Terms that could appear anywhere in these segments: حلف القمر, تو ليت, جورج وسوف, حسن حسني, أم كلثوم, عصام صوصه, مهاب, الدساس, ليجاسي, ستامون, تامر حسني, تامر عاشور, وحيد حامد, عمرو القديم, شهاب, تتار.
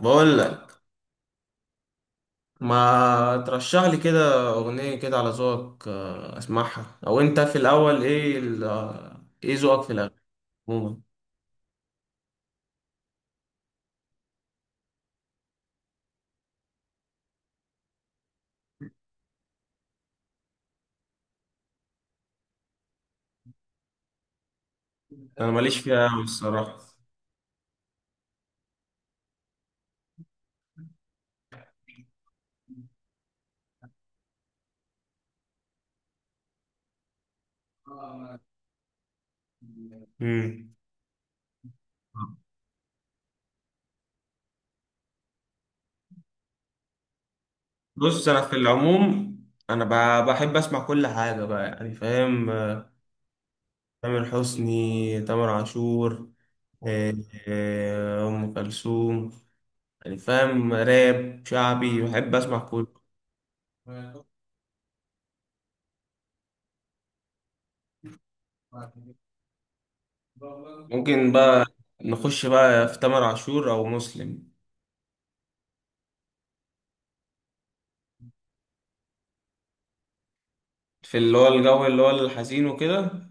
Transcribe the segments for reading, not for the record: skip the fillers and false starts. بقول لك ما ترشح لي كده اغنيه كده على ذوقك، اسمعها، او انت في الاول ايه ايه ذوقك في الاغاني عموما؟ انا ماليش فيها قوي الصراحه. امم بص، انا في العموم انا بحب اسمع كل حاجه بقى يعني فاهم. تامر حسني، تامر عاشور، آه، ام كلثوم. يعني فاهم، راب شعبي، بحب اسمع كله. ممكن بقى نخش بقى في تامر عاشور او مسلم، في اللي هو الجو اللي هو الحزين وكده.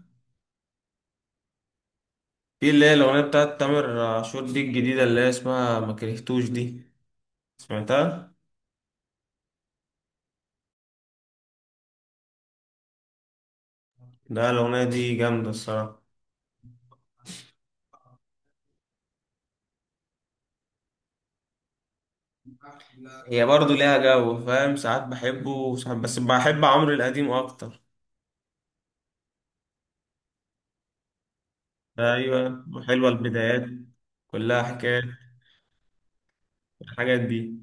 في اللي هي الاغنيه بتاعت تامر عاشور دي الجديده اللي هي اسمها ما كرهتوش دي، سمعتها؟ ده الاغنيه دي جامده الصراحه. هي برضو ليها جو فاهم، ساعات بحبه وساعات، بس بحب عمرو القديم اكتر. ايوه، حلوه البدايات، كلها حكايات، الحاجات دي.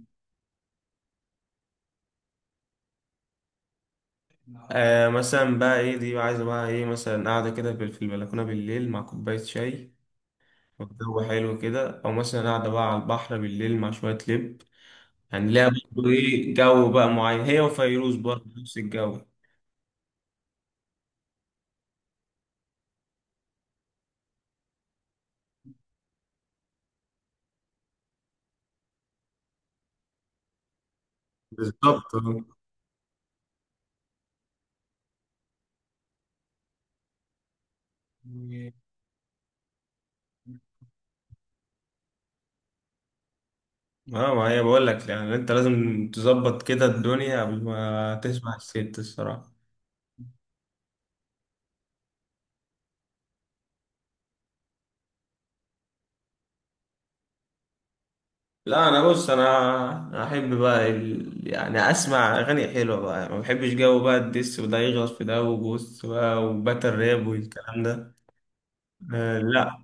آه، مثلا بقى ايه دي عايزه بقى ايه؟ مثلا قاعده كده في البلكونه بالليل مع كوبايه شاي، الجو حلو كده، او مثلا قاعده بقى على البحر بالليل مع شويه لب. يعني ليها برضه ايه جو بقى معين، هي وفيروز برضه نفس الجو. بالظبط. اه، ما هي بقول لك يعني انت لازم تظبط كده الدنيا قبل ما تسمع الست الصراحه. لا، انا بص، أنا احب بقى يعني اسمع اغاني حلوه بقى، ما بحبش جو بقى الدس وده يغلط في ده وبص بقى وباتل راب والكلام ده. آه لا.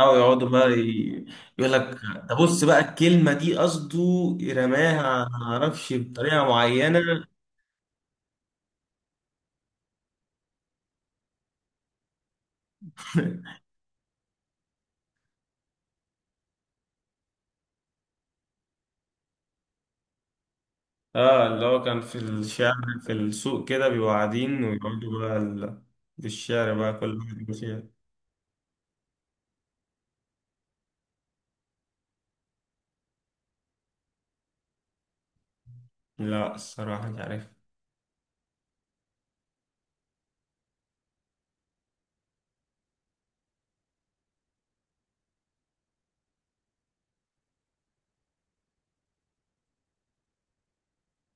او يقعدوا بقى يقول لك ده، بص بقى الكلمه دي قصده رماها ما اعرفش بطريقه معينه. اه اللي هو كان في الشعر في السوق كده بيبقوا قاعدين ويقعدوا بقى في الشعر بقى كل واحد يقول شعر. لا الصراحه مش عارف.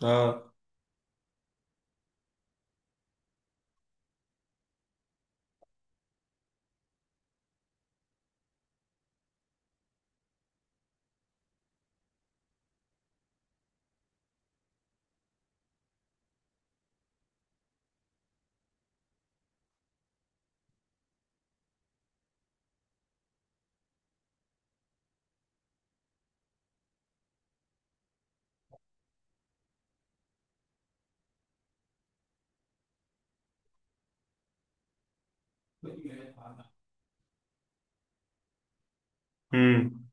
اه. امم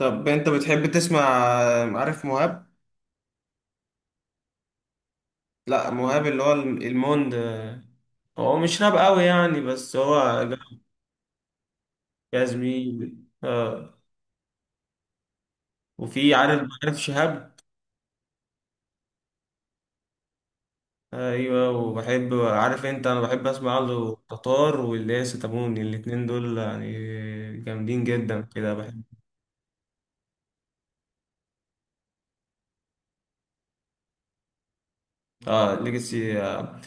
طب انت بتحب تسمع؟ عارف مهاب؟ لا، مهاب اللي هو الموند. هو مش راب قوي يعني، بس هو جاز مين، اه. وفي عارف شهاب. ايوه، وبحب، عارف انت، انا بحب اسمع له تتار، واللي هي ستامون. الاتنين دول يعني جامدين جدا كده، بحب. اه، ليجاسي،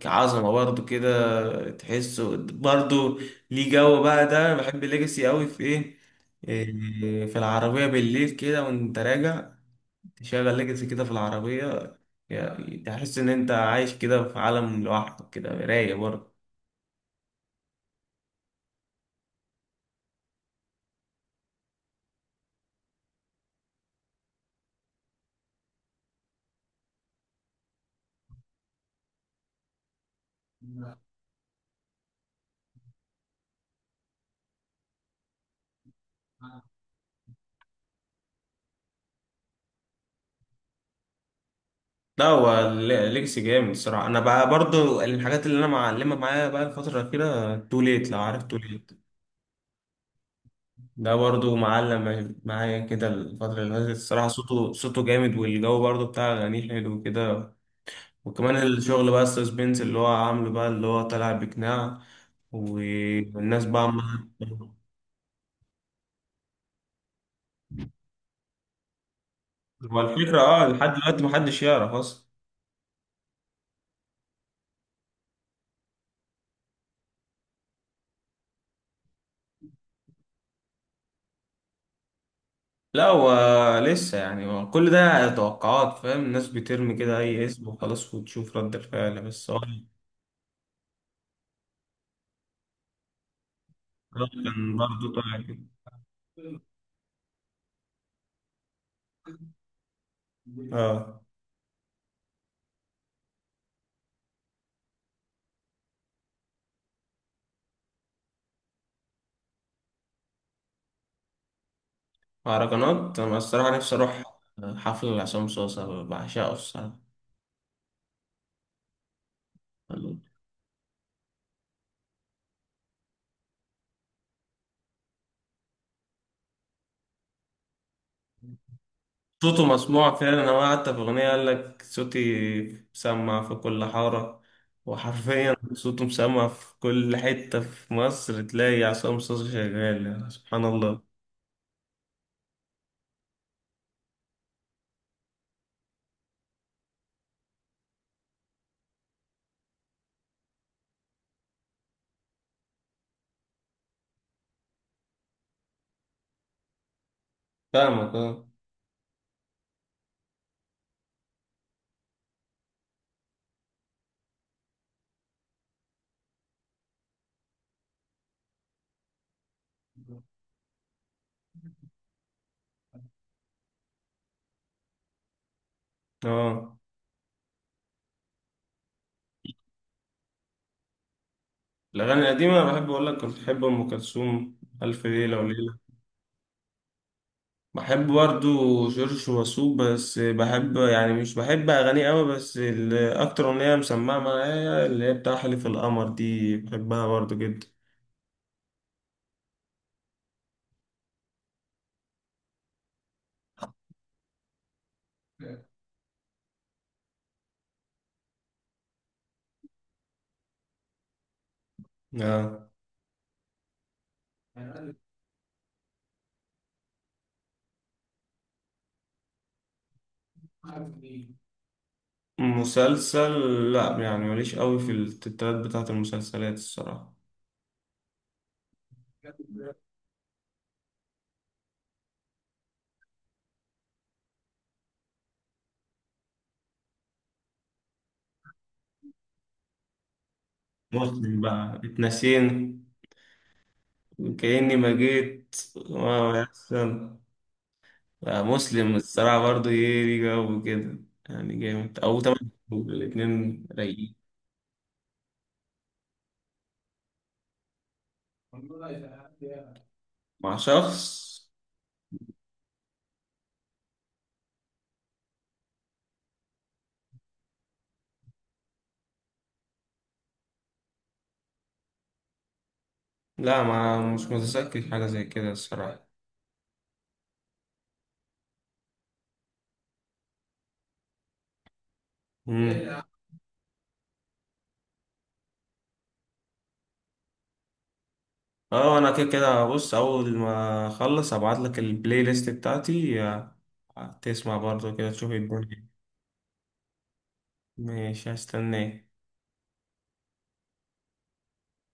كعظمه برضه كده، تحسه برضه، ليه جو بقى ده. أنا بحب ليجاسي قوي في ايه إيه، في العربيه بالليل كده وانت راجع، تشغل ليجاسي كده في العربيه، يعني تحس ان انت عايش كده في عالم لوحدك كده، رايق برضه. لا، هو ليجاسي جامد الصراحه. انا بقى برضو الحاجات اللي انا معلمه معايا بقى الفتره الاخيره، تو ليت، لو عارف تو ليت. ده برضو معلم معايا كده الفتره اللي فاتت الصراحه. صوته صوته جامد، والجو برضو بتاع اغانيه حلو كده. وكمان الشغل بقى السسبنس اللي هو عامله بقى، اللي هو طالع بقناع، والناس بقى هو الفكره، اه، لحد دلوقتي محدش يعرف اصلا. لا، هو لسه يعني، هو كل ده توقعات فاهم، الناس بترمي كده اي اسم وخلاص وتشوف رد الفعل. بس هو كان برضه طالع كده. اه، مهرجانات انا الصراحه نفسي اروح حفل لعصام صوصه، بعشقه الصراحه. صوته مسموع فعلا، انا حتى في اغنيه قال لك صوتي مسمع في كل حاره. وحرفيا صوته مسمع في كل حته في مصر، تلاقي عصام صوصه شغال، يعني سبحان الله. فاهمك، اه. اه، الأغاني القديمة بحب أقول لك كنت بحب أم كلثوم، ألف ليلة وليلة. بحب برضو جورج وسوف، بس بحب يعني، مش بحب أغانيه أوي، بس أكتر أغنية مسمعة معايا اللي هي بتاع حلف القمر دي، بحبها برضو جدا. آه. مسلسل لأ، يعني ماليش أوي في التترات بتاعة المسلسلات الصراحة. مسلم بقى اتنسينا، كأني ما جيت، واو يا أحسن. مسلم الصراحة برضه ايه، ليه جو كده، يعني جامد او تمام، الاتنين رايقين. مع شخص؟ لا، ما مش متذكر حاجة زي كده الصراحة. مم. اه، انا كده كده بص، اول ما اخلص ابعت لك البلاي ليست بتاعتي، تسمع برضه كده تشوف الدنيا. ماشي، هستناك.